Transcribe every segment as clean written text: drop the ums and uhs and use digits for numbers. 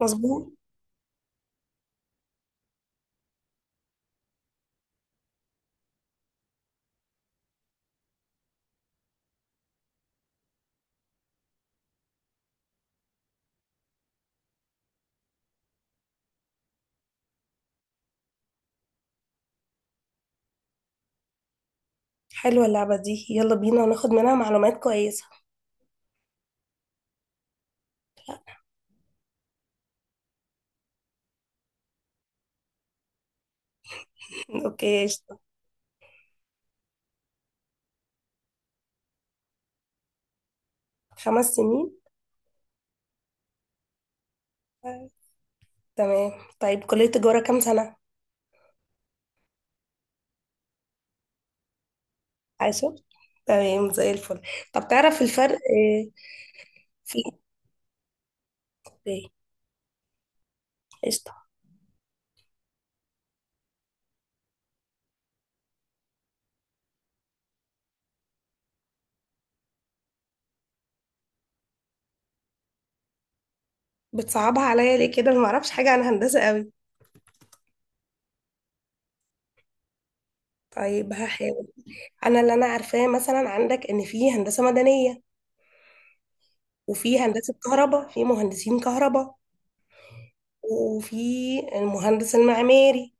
مظبوط. حلوة اللعبة دي، يلا بينا ناخد منها معلومات كويسة. اوكي قشطة. 5 سنين. آه، تمام. طيب، كلية تجارة كام سنة؟ 10. تمام زي الفل. طب تعرف الفرق في. اوكي، قشطة. بتصعبها عليا ليه كده؟ ما اعرفش حاجة عن هندسة قوي. طيب هحاول. انا اللي انا عارفاه مثلا عندك ان في هندسة مدنية، وفي هندسة كهرباء، في مهندسين كهرباء، وفي المهندس المعماري،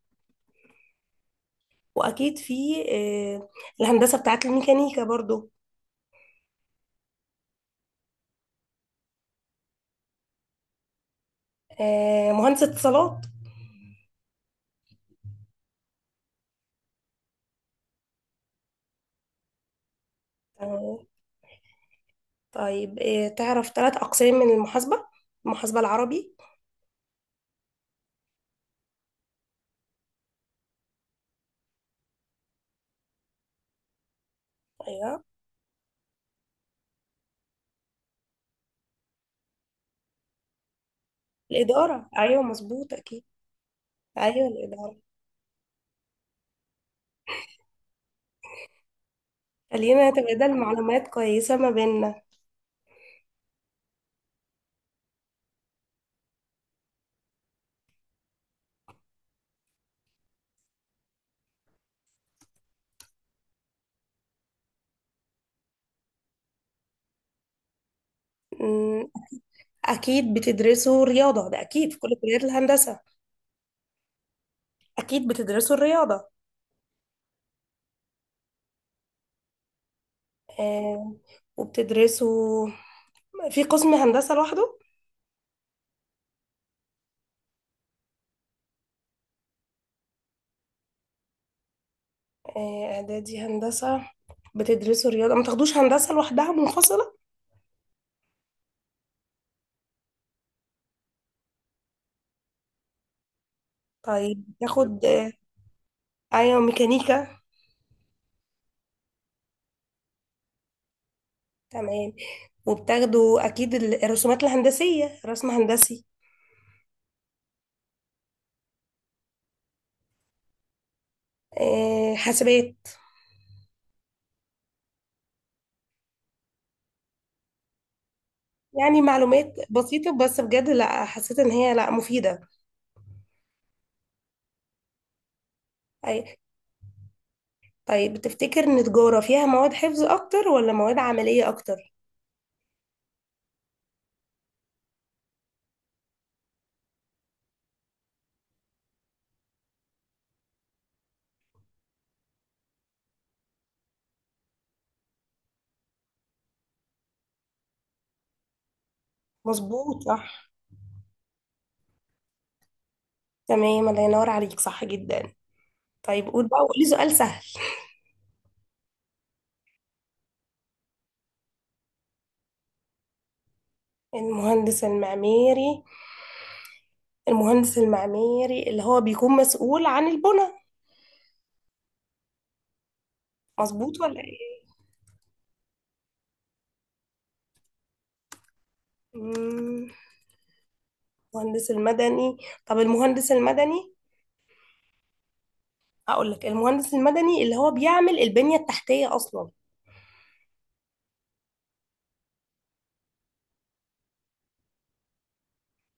واكيد في آه، الهندسه بتاعت الميكانيكا برضو. مهندس اتصالات. آه، طيب تعرف 3 اقسام من المحاسبه؟ المحاسبه العربي. ايوه، الاداره، ايوه مظبوط اكيد. ايوه الاداره. خلينا نتبادل معلومات كويسه ما بيننا. أمم، اكيد بتدرسوا رياضه، ده اكيد في كل كليات الهندسه. اكيد بتدرسوا الرياضه. آه. وبتدرسوا في قسم هندسه لوحده. آه، اعدادي هندسه، بتدرسوا رياضة، ما تاخدوش هندسة لوحدها منفصلة. طيب تاخد ايوه ميكانيكا. تمام. وبتاخدوا اكيد الرسومات الهندسية، رسم هندسي. حاسبات. يعني معلومات بسيطة بس بجد، لا حسيت ان هي لا مفيدة. أي. طيب تفتكر ان تجارة فيها مواد حفظ اكتر ولا مواد عملية اكتر؟ مظبوط صح. تمام، الله ينور عليك، صح جدا. طيب قول بقى، قولي سؤال سهل. المهندس المعماري، المهندس المعماري اللي هو بيكون مسؤول عن البنى، مظبوط ولا ايه؟ مم، المهندس المدني، طب المهندس المدني، هقول لك المهندس المدني اللي هو بيعمل البنية التحتية اصلا،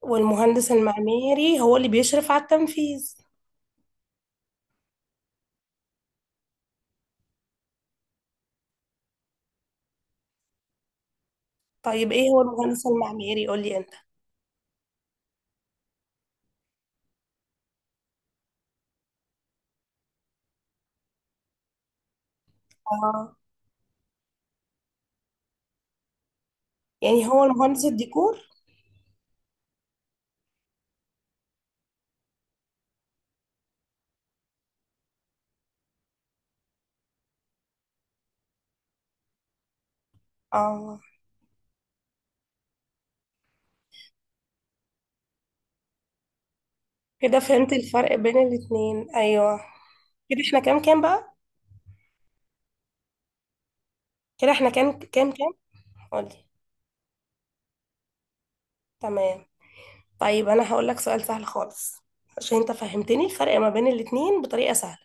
والمهندس المعماري هو اللي بيشرف على التنفيذ. طيب ايه هو المهندس المعماري، قول لي انت. اه. يعني هو المهندس الديكور. اه. كده فهمت الفرق بين الاتنين، ايوه. كده احنا كام كام بقى؟ كده احنا كام كام كام؟ قولي. تمام. طيب انا هقول لك سؤال سهل خالص عشان انت فهمتني الفرق ما بين الاتنين بطريقة سهلة.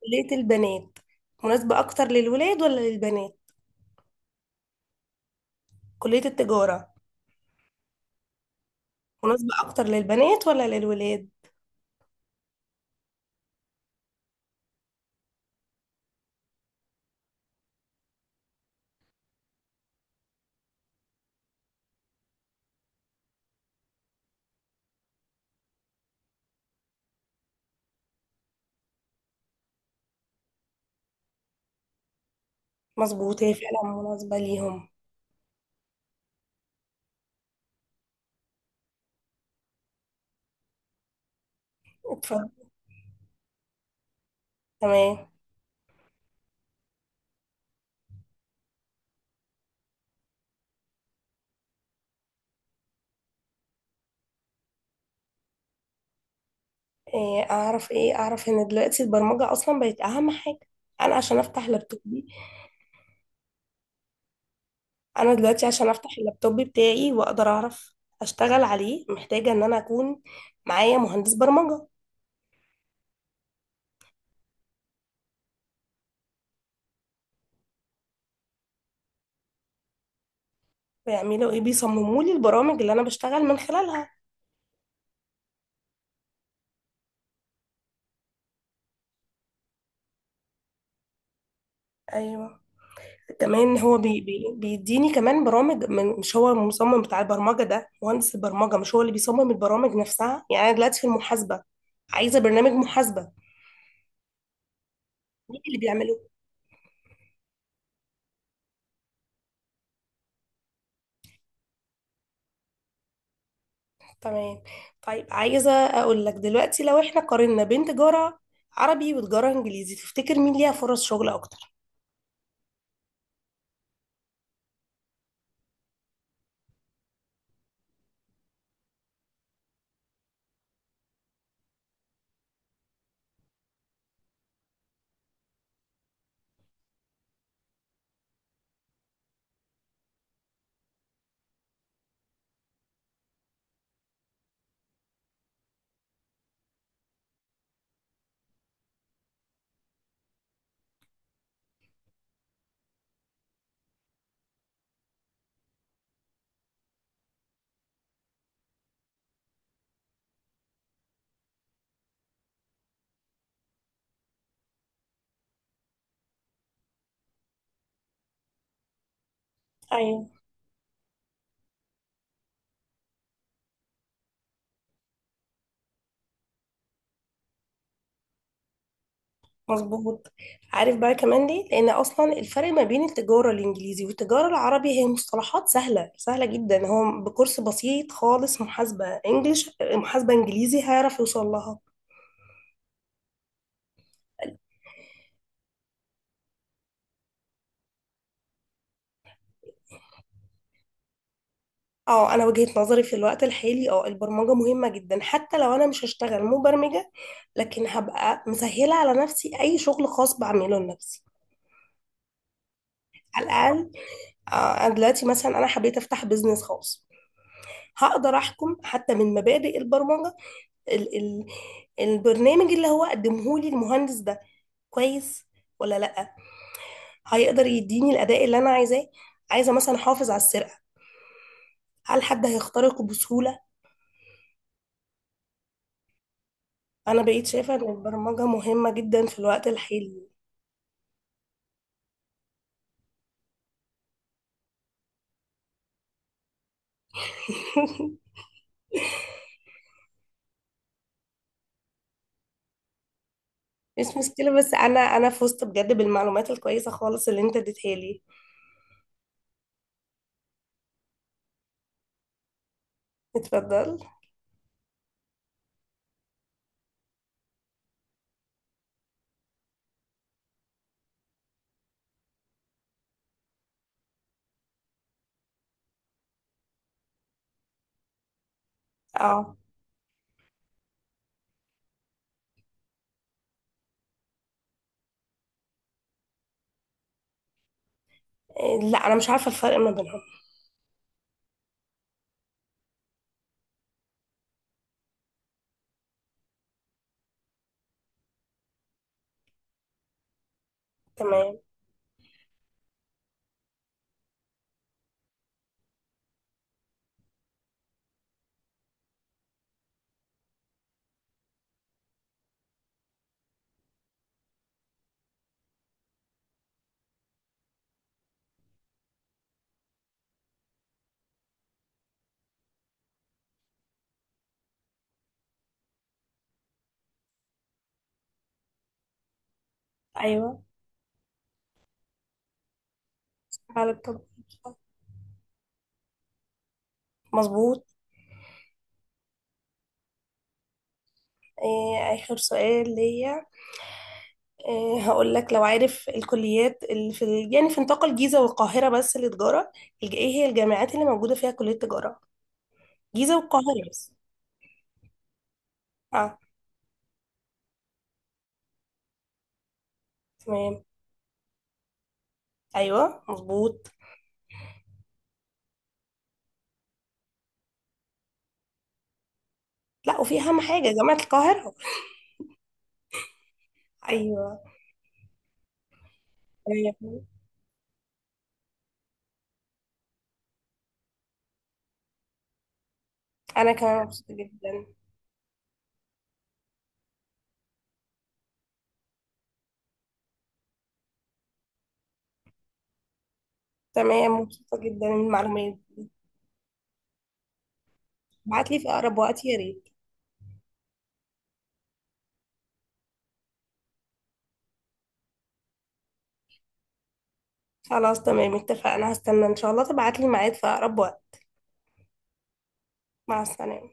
كلية البنات مناسبة اكتر للولاد ولا للبنات؟ كلية التجارة مناسبة اكتر للبنات ولا للولاد؟ مظبوط، هي فعلا مناسبة ليهم. اتفضل. تمام. إيه اعرف ايه؟ اعرف ان دلوقتي البرمجة اصلا بقت اهم حاجة. انا عشان افتح لابتوبي، انا دلوقتي عشان افتح اللابتوب بتاعي واقدر اعرف اشتغل عليه، محتاجة ان انا اكون معايا مهندس برمجة. بيعملوا ايه؟ بيصمموا لي البرامج اللي انا بشتغل من خلالها. ايوه. كمان هو بي بي بيديني كمان برامج مش هو المصمم بتاع البرمجه، ده مهندس البرمجه مش هو اللي بيصمم البرامج نفسها. يعني انا دلوقتي في المحاسبه عايزه برنامج محاسبه، مين اللي بيعمله؟ تمام. طيب عايزه اقول لك دلوقتي، لو احنا قارنا بين تجاره عربي وتجاره انجليزي، تفتكر مين ليها فرص شغل اكتر؟ ايوه. مظبوط. عارف بقى كمان ليه؟ لان اصلا الفرق ما بين التجاره الانجليزي والتجاره العربي هي مصطلحات سهله سهله جدا، هو بكورس بسيط خالص محاسبه انجليش، محاسبه انجليزي هيعرف يوصل لها. اه انا وجهة نظري في الوقت الحالي، اه البرمجة مهمة جدا، حتى لو انا مش هشتغل مبرمجة لكن هبقى مسهلة على نفسي اي شغل خاص بعمله لنفسي. على الاقل. آه انا دلوقتي مثلا انا حبيت افتح بيزنس خاص، هقدر احكم حتى من مبادئ البرمجة ال ال البرنامج اللي هو قدمه لي المهندس ده كويس ولا لا، هيقدر يديني الاداء اللي انا عايزاه، عايزه مثلا احافظ على السرقه، هل حد هيخترقه بسهوله. انا بقيت شايفه ان البرمجه مهمه جدا في الوقت الحالي. مش مشكله، بس انا فزت بجد بالمعلومات الكويسه خالص اللي انت اديتها لي. اتفضل. اه. إيه، لا انا مش عارفه الفرق ما بينهم. تمام. ايوه، على التطبيق. مظبوط. إيه، اخر سؤال ليا. هقول لك لو عارف الكليات اللي في يعني في نطاق الجيزة والقاهرة بس للتجارة، ايه هي الجامعات اللي موجودة فيها كلية تجارة، جيزة والقاهرة بس. اه. تمام. ايوه مظبوط. لا، وفي اهم حاجة جامعة القاهرة. ايوه تمام. انا كمان مبسوطة جدا. تمام، مبسوطة جدا من المعلومات. ابعت لي في اقرب وقت يا ريت. خلاص تمام اتفقنا، هستنى ان شاء الله تبعت لي ميعاد في اقرب وقت. مع السلامة.